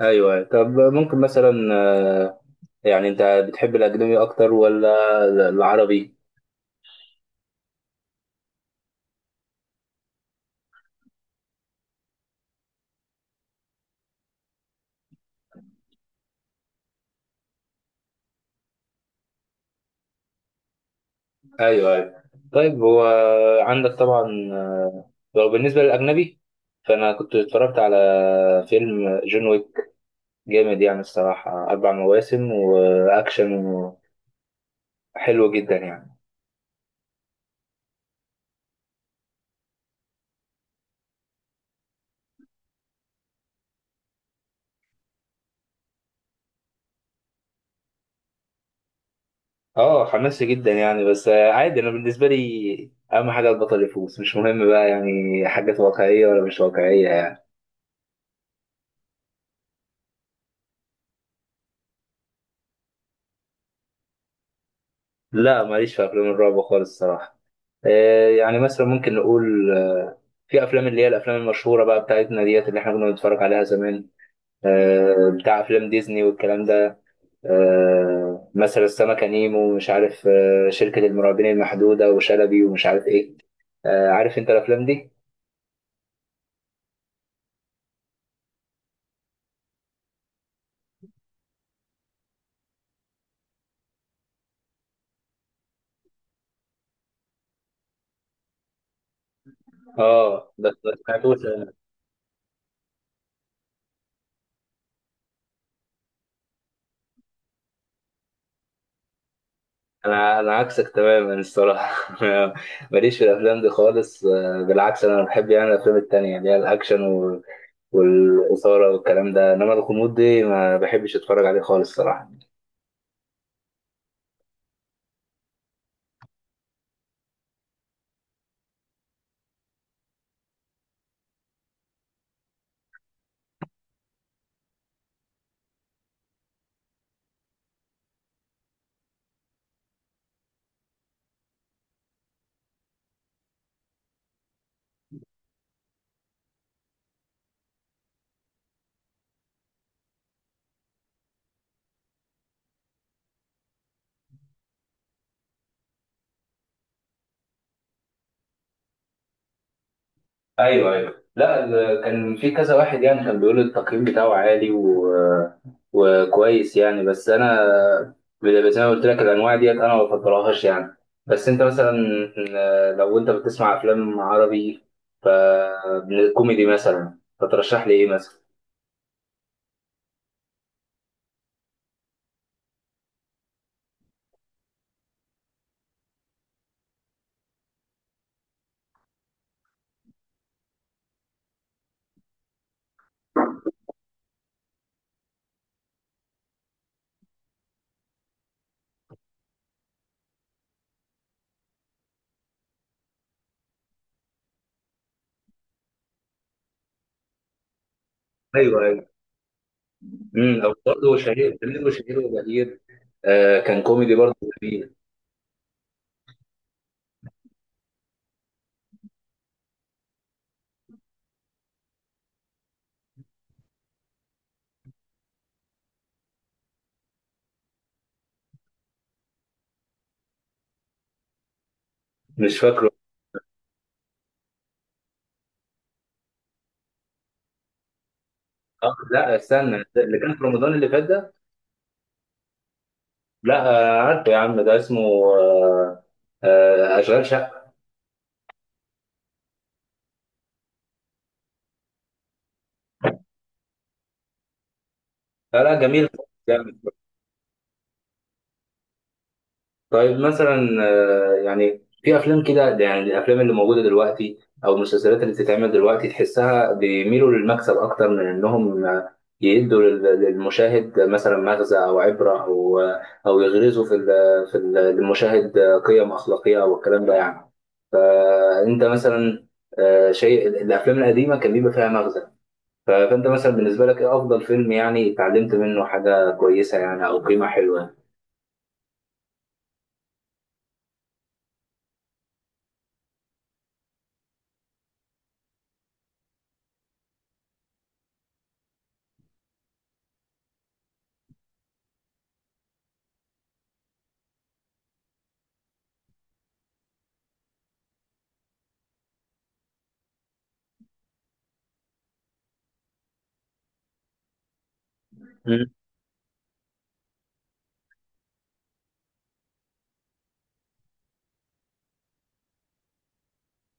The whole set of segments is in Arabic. ايوه. طب ممكن مثلا يعني انت بتحب الاجنبي اكتر ولا العربي؟ ايوه ايوه. طيب هو عندك طبعا آه، لو بالنسبه للاجنبي، فانا كنت اتفرجت على فيلم جون ويك. جامد يعني الصراحه، اربع مواسم واكشن، حلو جدا يعني. اه حماسي جدا يعني، بس عادي. انا بالنسبه لي اهم حاجه البطل يفوز، مش مهم بقى يعني حاجات واقعيه ولا مش واقعيه يعني. لا، ماليش في افلام الرعب خالص الصراحه. يعني مثلا ممكن نقول في افلام اللي هي الافلام المشهوره بقى بتاعتنا ديت، اللي احنا كنا بنتفرج عليها زمان، بتاع افلام ديزني والكلام ده. مثلا السمكه نيمو ومش عارف شركه المرعبين المحدوده وشلبي ومش عارف ايه. عارف انت الافلام دي. اه بس ما سمعتوش انا. انا عكسك تماما الصراحه. ماليش في الافلام دي خالص. بالعكس انا بحب يعني الافلام التانية اللي هي الاكشن والاثاره والكلام ده، انما الغموض دي ما بحبش اتفرج عليه خالص صراحه. ايوه ايوه. لا، كان في كذا واحد يعني كان بيقول التقييم بتاعه عالي وكويس يعني. بس انا زي ما قلت لك الانواع ديت انا ما بفضلهاش يعني. بس انت مثلا لو انت بتسمع افلام عربي ف كوميدي مثلا، فترشح لي ايه مثلا؟ ايوه ايوه. او برضه شهير شهير وشهير وبهير. آه، كان كوميدي برضه. جميل. مش فاكره. اه لا استنى، اللي كان في رمضان اللي فات ده؟ لا. عارفه يا عم ده اسمه اشغال شقه. لا لا جميل. طيب مثلا يعني في افلام كده، يعني الافلام اللي موجوده دلوقتي او المسلسلات اللي بتتعمل دلوقتي تحسها بيميلوا للمكسب اكتر من انهم يدوا للمشاهد مثلا مغزى او عبره او يغرزوا في ال- للمشاهد قيم اخلاقيه والكلام ده يعني. فانت مثلا شيء الافلام القديمه كان بيبقى فيها مغزى. فانت مثلا بالنسبه لك ايه افضل فيلم يعني اتعلمت منه حاجه كويسه يعني او قيمه حلوه؟ مم.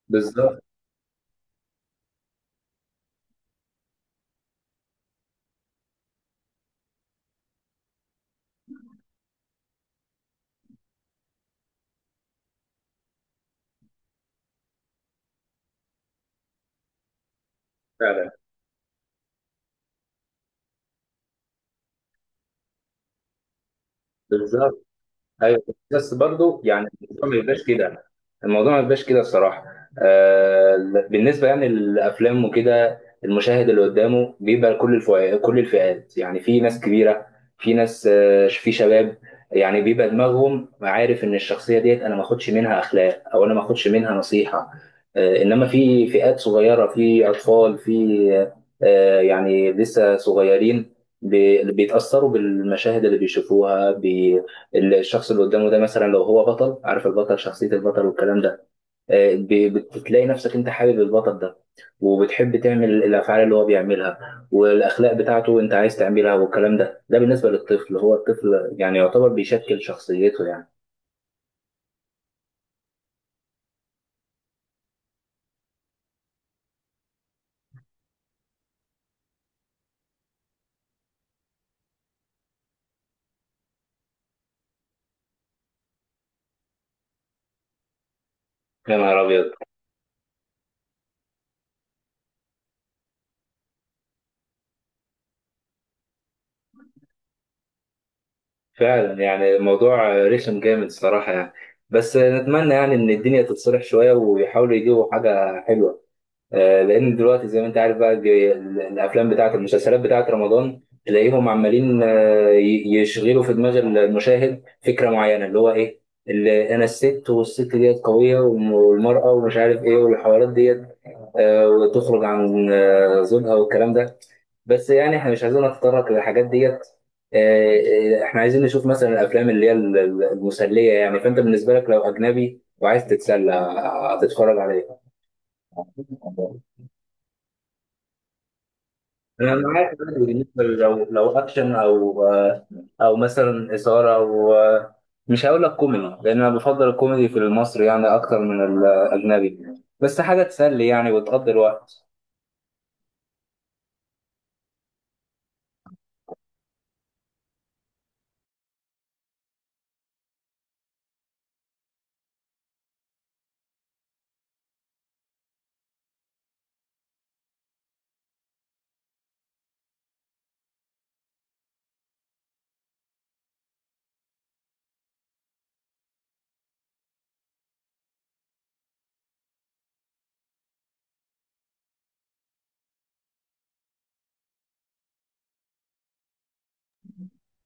بالظبط. فعلا. بالظبط. ايوه. بس برضو يعني الموضوع ما يبقاش كده. الموضوع ما يبقاش كده الصراحه. آه، بالنسبه يعني للافلام وكده المشاهد اللي قدامه بيبقى كل الفئات، كل الفئات، يعني في ناس كبيره، في ناس آه في شباب، يعني بيبقى دماغهم عارف ان الشخصيه ديت انا ما اخدش منها اخلاق او انا ما اخدش منها نصيحه. آه انما في فئات صغيره، في اطفال، في آه يعني لسه صغيرين، بيتاثروا بالمشاهد اللي بيشوفوها. بي الشخص اللي قدامه ده مثلا لو هو بطل، عارف البطل شخصية البطل والكلام ده، بتلاقي نفسك انت حابب البطل ده وبتحب تعمل الافعال اللي هو بيعملها والاخلاق بتاعته انت عايز تعملها والكلام ده. ده بالنسبة للطفل، هو الطفل يعني يعتبر بيشكل شخصيته يعني. يا نهار ابيض. فعلا يعني الموضوع رخم جامد الصراحة يعني. بس نتمنى يعني ان الدنيا تتصلح شوية ويحاولوا يجيبوا حاجة حلوة. لان دلوقتي زي ما انت عارف بقى، الافلام بتاعت المسلسلات بتاعت رمضان تلاقيهم عمالين يشغلوا في دماغ المشاهد فكره معينه، اللي هو ايه؟ اللي انا الست، والست ديت قويه، والمراه ومش عارف ايه، والحوارات ديت وتخرج عن زوجها والكلام ده. بس يعني احنا مش عايزين نتطرق للحاجات ديت. احنا عايزين نشوف مثلا الافلام اللي هي المسليه يعني. فانت بالنسبه لك لو اجنبي وعايز تتسلى هتتفرج على ايه؟ انا معاك عادي. بالنسبه لو، لو اكشن او او مثلا اثاره، او مش هقول لك كوميدي لان انا بفضل الكوميدي في المصري يعني اكتر من الاجنبي، بس حاجه تسلي يعني وتقضي الوقت.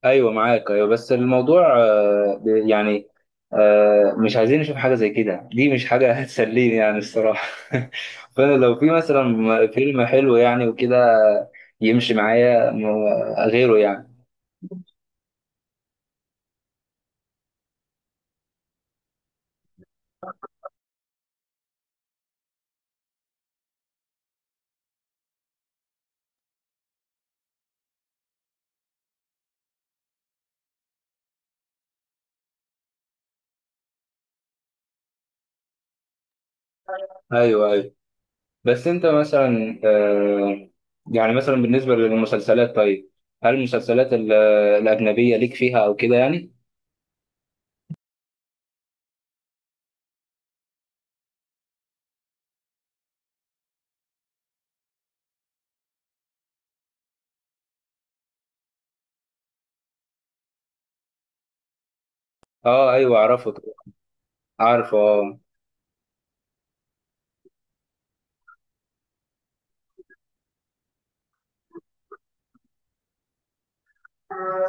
ايوه معاك ايوه، بس الموضوع يعني مش عايزين نشوف حاجه زي كده. دي مش حاجه هتسليني يعني الصراحه فانا لو في مثلا فيلم حلو يعني وكده يمشي معايا غيره يعني. ايوه ايوه. بس انت مثلا يعني مثلا بالنسبه للمسلسلات، طيب هل المسلسلات الاجنبيه ليك فيها او كده يعني؟ اه ايوه اعرفه. عارفه اه.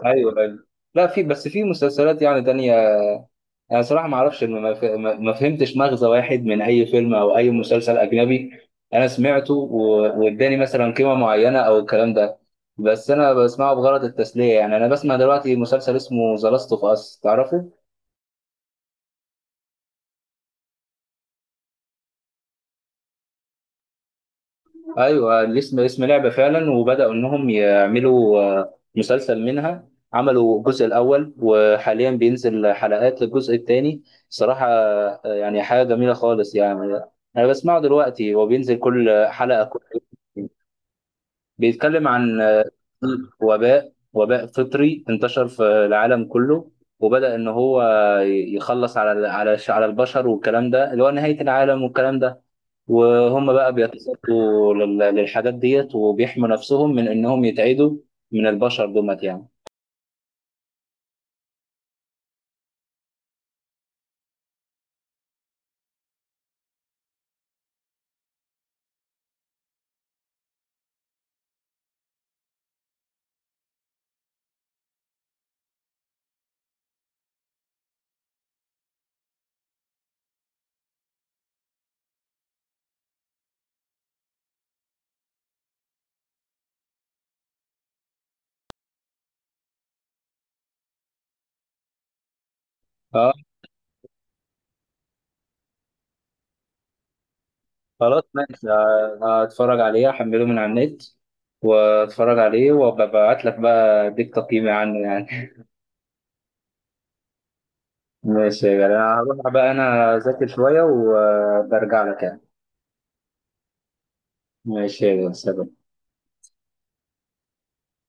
ايوه ايوه. لا في، بس في مسلسلات يعني تانية، انا صراحه ما اعرفش ما ما فهمتش مغزى واحد من اي فيلم او اي مسلسل اجنبي انا سمعته واداني مثلا قيمه معينه او الكلام ده. بس انا بسمعه بغرض التسليه يعني. انا بسمع دلوقتي مسلسل اسمه ذا لاست اوف اس، تعرفه؟ ايوه الاسم اسم لعبه فعلا، وبداوا انهم يعملوا مسلسل منها. عملوا الجزء الاول، وحاليا بينزل حلقات للجزء الثاني. صراحه يعني حاجه جميله خالص يعني. انا بسمعه دلوقتي، هو بينزل كل حلقه كل، بيتكلم عن وباء، وباء فطري انتشر في العالم كله، وبدا ان هو يخلص على على البشر والكلام ده، اللي هو نهايه العالم والكلام ده. وهم بقى بيتصدوا للحاجات ديت وبيحموا نفسهم من انهم يتعدوا من البشر دومت يعني. اه خلاص ماشي، هتفرج عليه، احمله من على النت واتفرج عليه وببعت لك بقى اديك تقييمي عنه يعني. ماشي يا جدع. انا هروح بقى انا اذاكر شوية وبرجع لك يعني. ماشي يا جدع سلام.